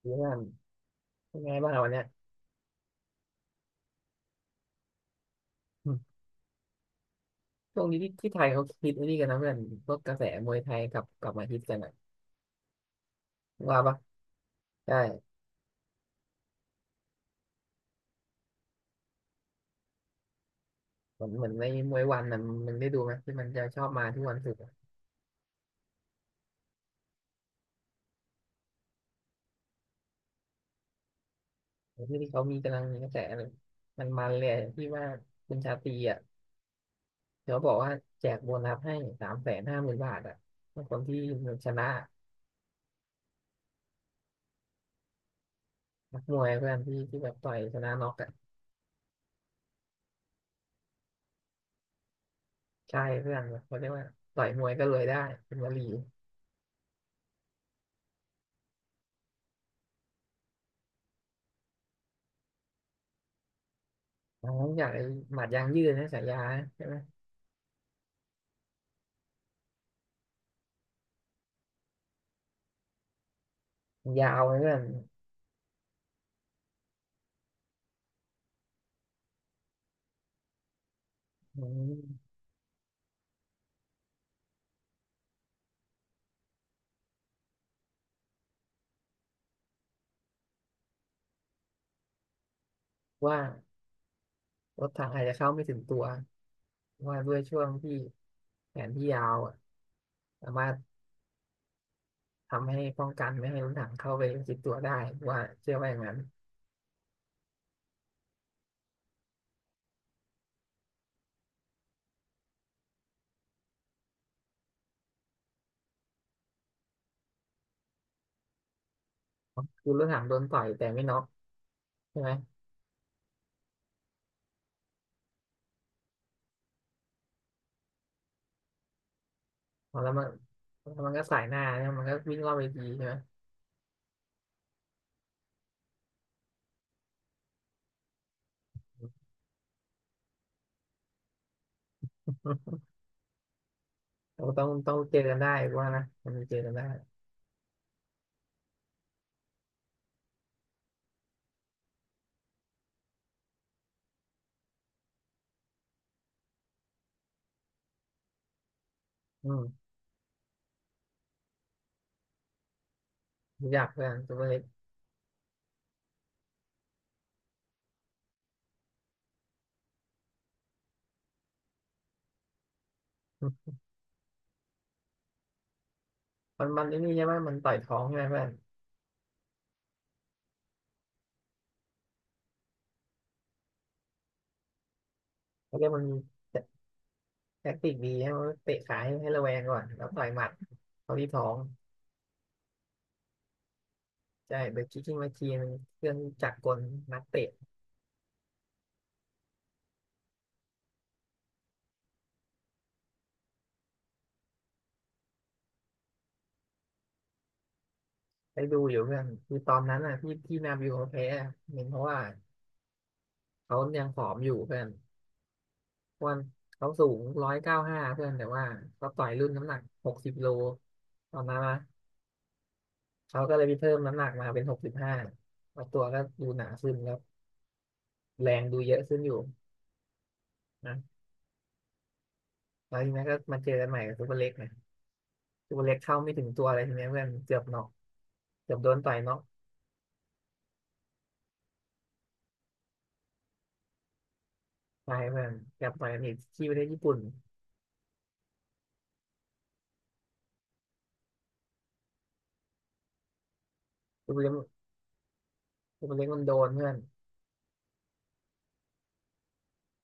เพื่อนเป็นไงบ้างอะวันเนี้ยอืมช่วงนี้ที่ไทยเขาฮิตไอ้นี่กันนะเพื่อนพวกกระแสมวยไทยกลับมาฮิตกันอ่ะว่าปะใช่เหมือนในมวยวันน่ะมึงได้ดูไหมที่มันจะชอบมาทุกวันศุกร์อะไอ้ที่เขามีกำลังมีกระแสเลยมันเลยอะที่ว่าคุณชาตรีอ่ะเขาบอกว่าแจกโบนัสให้สามแสนห้าหมื่นบาทอ่ะถ้าคนที่ชนะนักมวยเพื่อนที่แบบต่อยชนะน็อกอ่ะใช่เพื่อนเขาเรียกว่าต่อยมวยก็เลยได้เป็นวลีอ๋ออย่างไอ้หมัดยางยืดนะฉายานะใช่ไหม ยาวนะเพื่อนอืมว่ารถถังอาจจะเข้าไม่ถึงตัวว่าด้วยช่วงที่แผนที่ยาวอะสามารถทำให้ป้องกันไม่ให้รถถังเข้าไปจิกตัวได้ว่าเชื่อว่าอย่างนั้นคือรถถังโดนต่อยแต่ไม่น็อกใช่ไหมพอแล้วมันแล้วมันก็สายหน้าใช่ไหมมันก็วิ่งรอบเวทีใช่ไหม เราต้องเจอกันได้กูว่านะมันเจอกันได้อืมรู้จักเพื่อนตัวเล็กมันมันไอ้นี่ใช่ไหมมันต่อยท้องใช่ไหมเพื่อนเขาเรียกมันมีฉ แท็กติกดีให้มันเตะขาให้ระแวงก่อนแล้วต่อยหมัดเขาที่ท้องใช่เบรกคิกกิ้งมาชีนเครื่องจักรกลนักเตะไปดูอยู่เพื่อนคือตอนนั้นอ่ะที่นาบิวเขาแพ้อะเห็นเพราะว่าเขายังผอมอยู่เพื่อนเพราะว่าเขาสูง195เพื่อนแต่ว่าเขาต่อยรุ่นน้ำหนัก60 โลตอนนั้นนะเขาก็เลยไปเพิ่มน้ำหนักมาเป็น65ตัวก็ดูหนาขึ้นแล้วแรงดูเยอะขึ้นอยู่นะแล้วทีนี้ก็มาเจอกันใหม่กับซูเปอร์เล็กนะซูเปอร์เล็กเข้าไม่ถึงตัวอะไรทีนี้เพื่อนเกือบน็อก เกือบโดนต่อยน็อกตายเพื่อนเกือบต่อยกันีกที่ประเทศญี่ปุ่นตัวเล็กตัวเล็กมันโดนเพื่อน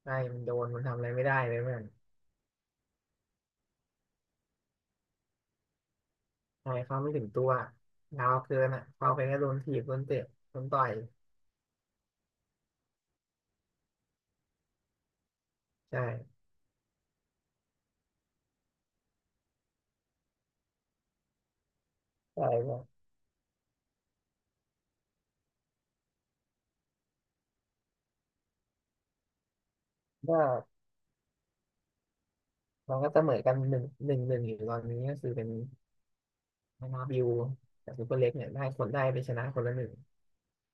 ใช่มันโดนมันทำอะไรไม่ได้เลยเพื่อนใช่เขาไม่ถึงตัวยาวเกินอ่ะเข้าไปแค่โดนถีบโดนเตะโดนต่อยใช่ใช่ก็มันก็เสมอกันหนึ่งหนึ่งหนึ่งอยู่ตอนนี้ก็คือเป็นมานาบิวกับซูเปอร์เล็กเนี่ยได้คนได้ไปชนะคนละหนึ่ง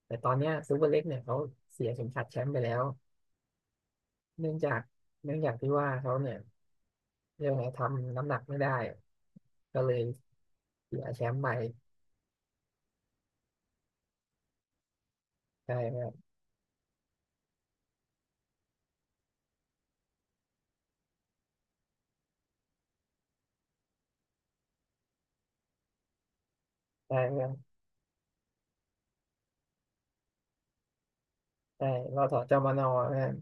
แต่ตอนเนี้ยซูเปอร์เล็กเนี่ยเขาเสียเข็มขัดแชมป์ไปแล้วเนื่องจากเนื่องจากที่ว่าเขาเนี่ยเรียกว่าไงทำน้ำหนักไม่ได้ก็เลย เสียแชมป์ใหม่ใช่เพื่อนใช่เพื่อนใช่รอถอจมนเพื่อน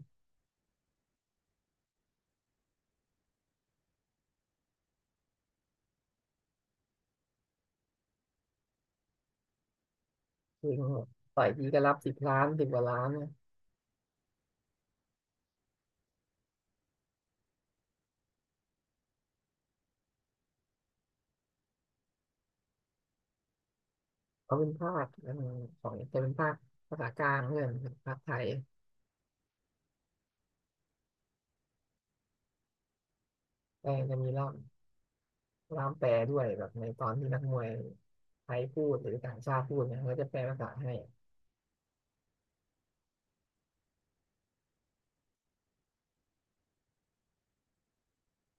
จริงต่อยทีก็รับ10 ล้าน10 กว่าล้านเนี่ยเขาเป็นภาคของจะเป็นภาคภาษากลางเพื่อนภาคไทยแต่จะมีล่ามแปลด้วยแบบในตอนที่นักมวยไทยพูดหรือต่างชาติพูดเนี่ยเขาจะแปลภาษาให้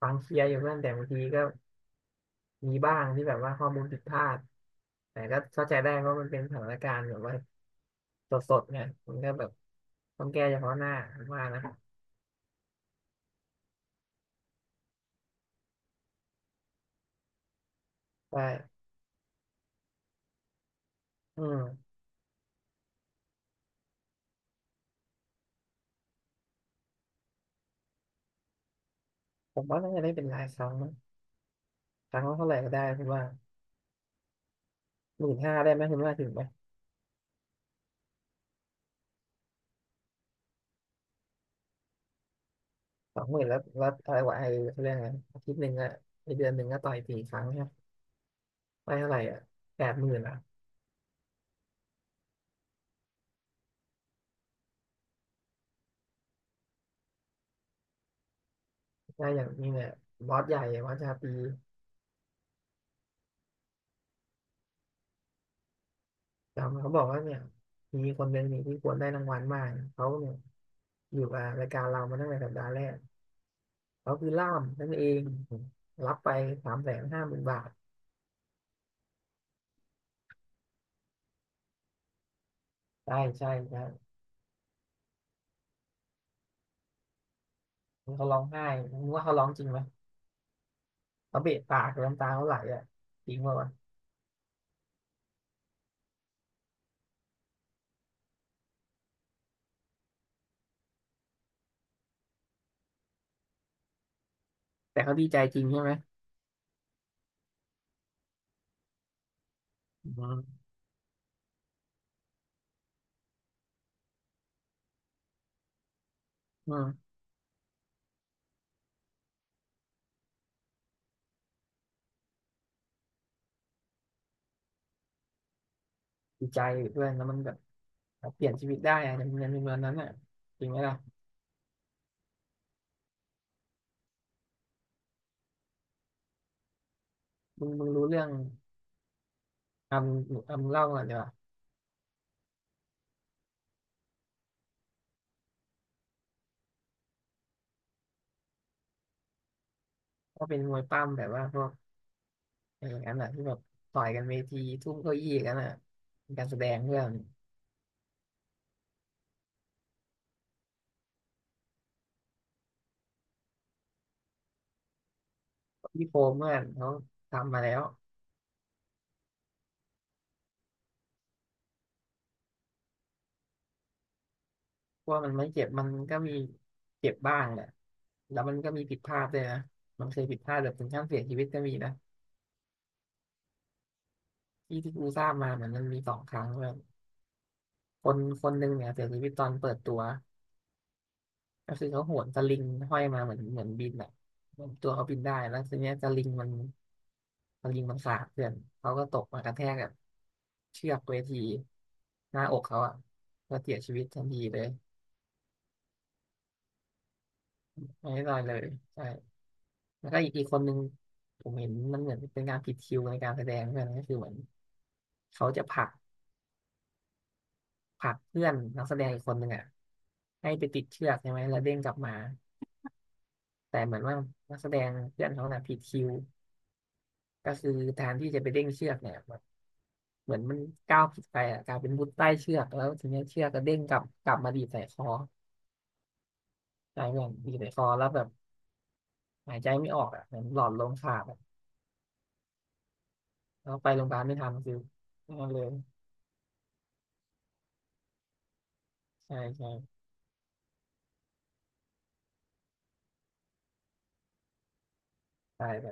ฟังเคลียร์อยู่เพื่อนแต่บางทีก็มีบ้างที่แบบว่าข้อมูลผิดพลาดแต่ก็เข้าใจได้เพราะมันเป็นสถานการณ์แบบว่าสดๆเนี่ยมันก็แบบต้องแก้เฉพาะหน้าผมว่านะใช่ อืมผมว่าน่าจะได้เป็นรายครั้งมั้งครั้งละเท่าไหร่ก็ได้คุณว่า15,000ได้ไหมคุณว่าถึงไหม20,000แล้วอะไรวะไอ้เขาเรียกไงนั้นอาทิตย์หนึ่งอะในเดือนหนึ่งก็ต่อย4 ครั้งเนี่ยได้เท่าไหร่อะ80,000อะได้อย่างนี้เนี่ยบอสใหญ่บอสชาตรีจำเขาบอกว่าเนี่ยมีคนเป็นหนึ่งที่ควรได้รางวัลมากเขาเนี่ยอยู่กับรายการเรามาตั้งแต่สัปดาห์แรกเขาคือล่ามนั่นเองรับไปสามแสนห้าหมื่นบาทได้ใช่ใช่เขาร้องไห้คุณว่าเขาร้องจริงไหม เขาเบะปากน้ำตาเขาไหลอ่ะจริงป่าวะแต่เขาดีใจจริงใช่ไหมอืมอืมดีใจเพื่อนแล้วมันแบบเปลี่ยนชีวิตได้อะในเมืองนั้นอ่ะจริงไหมล่ะมึงรู้เรื่องททำเล่าก่อนดีกว่าว่าเป็นมวยปั้มแบบว่าพวกอะไรอย่างนั้นอ่ะที่แบบต่อยกันเวทีทุ่มเก้าอี้กันอ่ะเป็นการแสดงเพื่อนพี่โฟมเพื่อนเขาทำมาแล้วเพราะว่ามันไม่เจ็บมันก็มีเจ็บบ้างแหละแล้วมันก็มีผิดพลาดด้วยนะมันเคยผิดพลาดแบบถึงขั้นเสียชีวิตก็มีนะ ที่กูทราบมาเหมือนมันมี2 ครั้งแบบคนคนหนึ่งเนี่ยเสียชีวิตตอนเปิดตัวก็คือเขาโหนสลิงห้อยมาเหมือนบินอ่ะเหมือนตัวเขาบินได้แล้วทีเนี้ยสลิงมันขาดเพื่อนเขาก็ตกมากระแทกกับเชือกเวทีหน้าอกเขาอ่ะก็เสียชีวิตทันทีเลยไม่ได้ลอยเลยใช่แล้วก็อีกคนหนึ่งผมเห็นมันเหมือนเป็นการผิดคิวในการแสดงเพื่อนก็คือเหมือนเขาจะผลักเพื่อนนักแสดงอีกคนหนึ่งอ่ะให้ไปติดเชือกใช่ไหมแล้วเด้งกลับมา แต่เหมือนว่านักแสดงเพื่อนเขาน่ะผิดคิวก็คือแทนที่จะไปเด้งเชือกเนี่ยแบบเหมือนมันก้าวผิดไปอ่ะกลายเป็นมุดใต้เชือกแล้วทีเนี้ยเชือกก็เด้งกลับมาดีดใส่คอกลายเป็นดีดใส่คอแล้วแบบหายใจไม่ออกอ่ะเหมือนหลอดลมขาดอะแล้วไปโรงพยาบาลไม่ทันคือนั่นเลยใช่ใช่ตายไป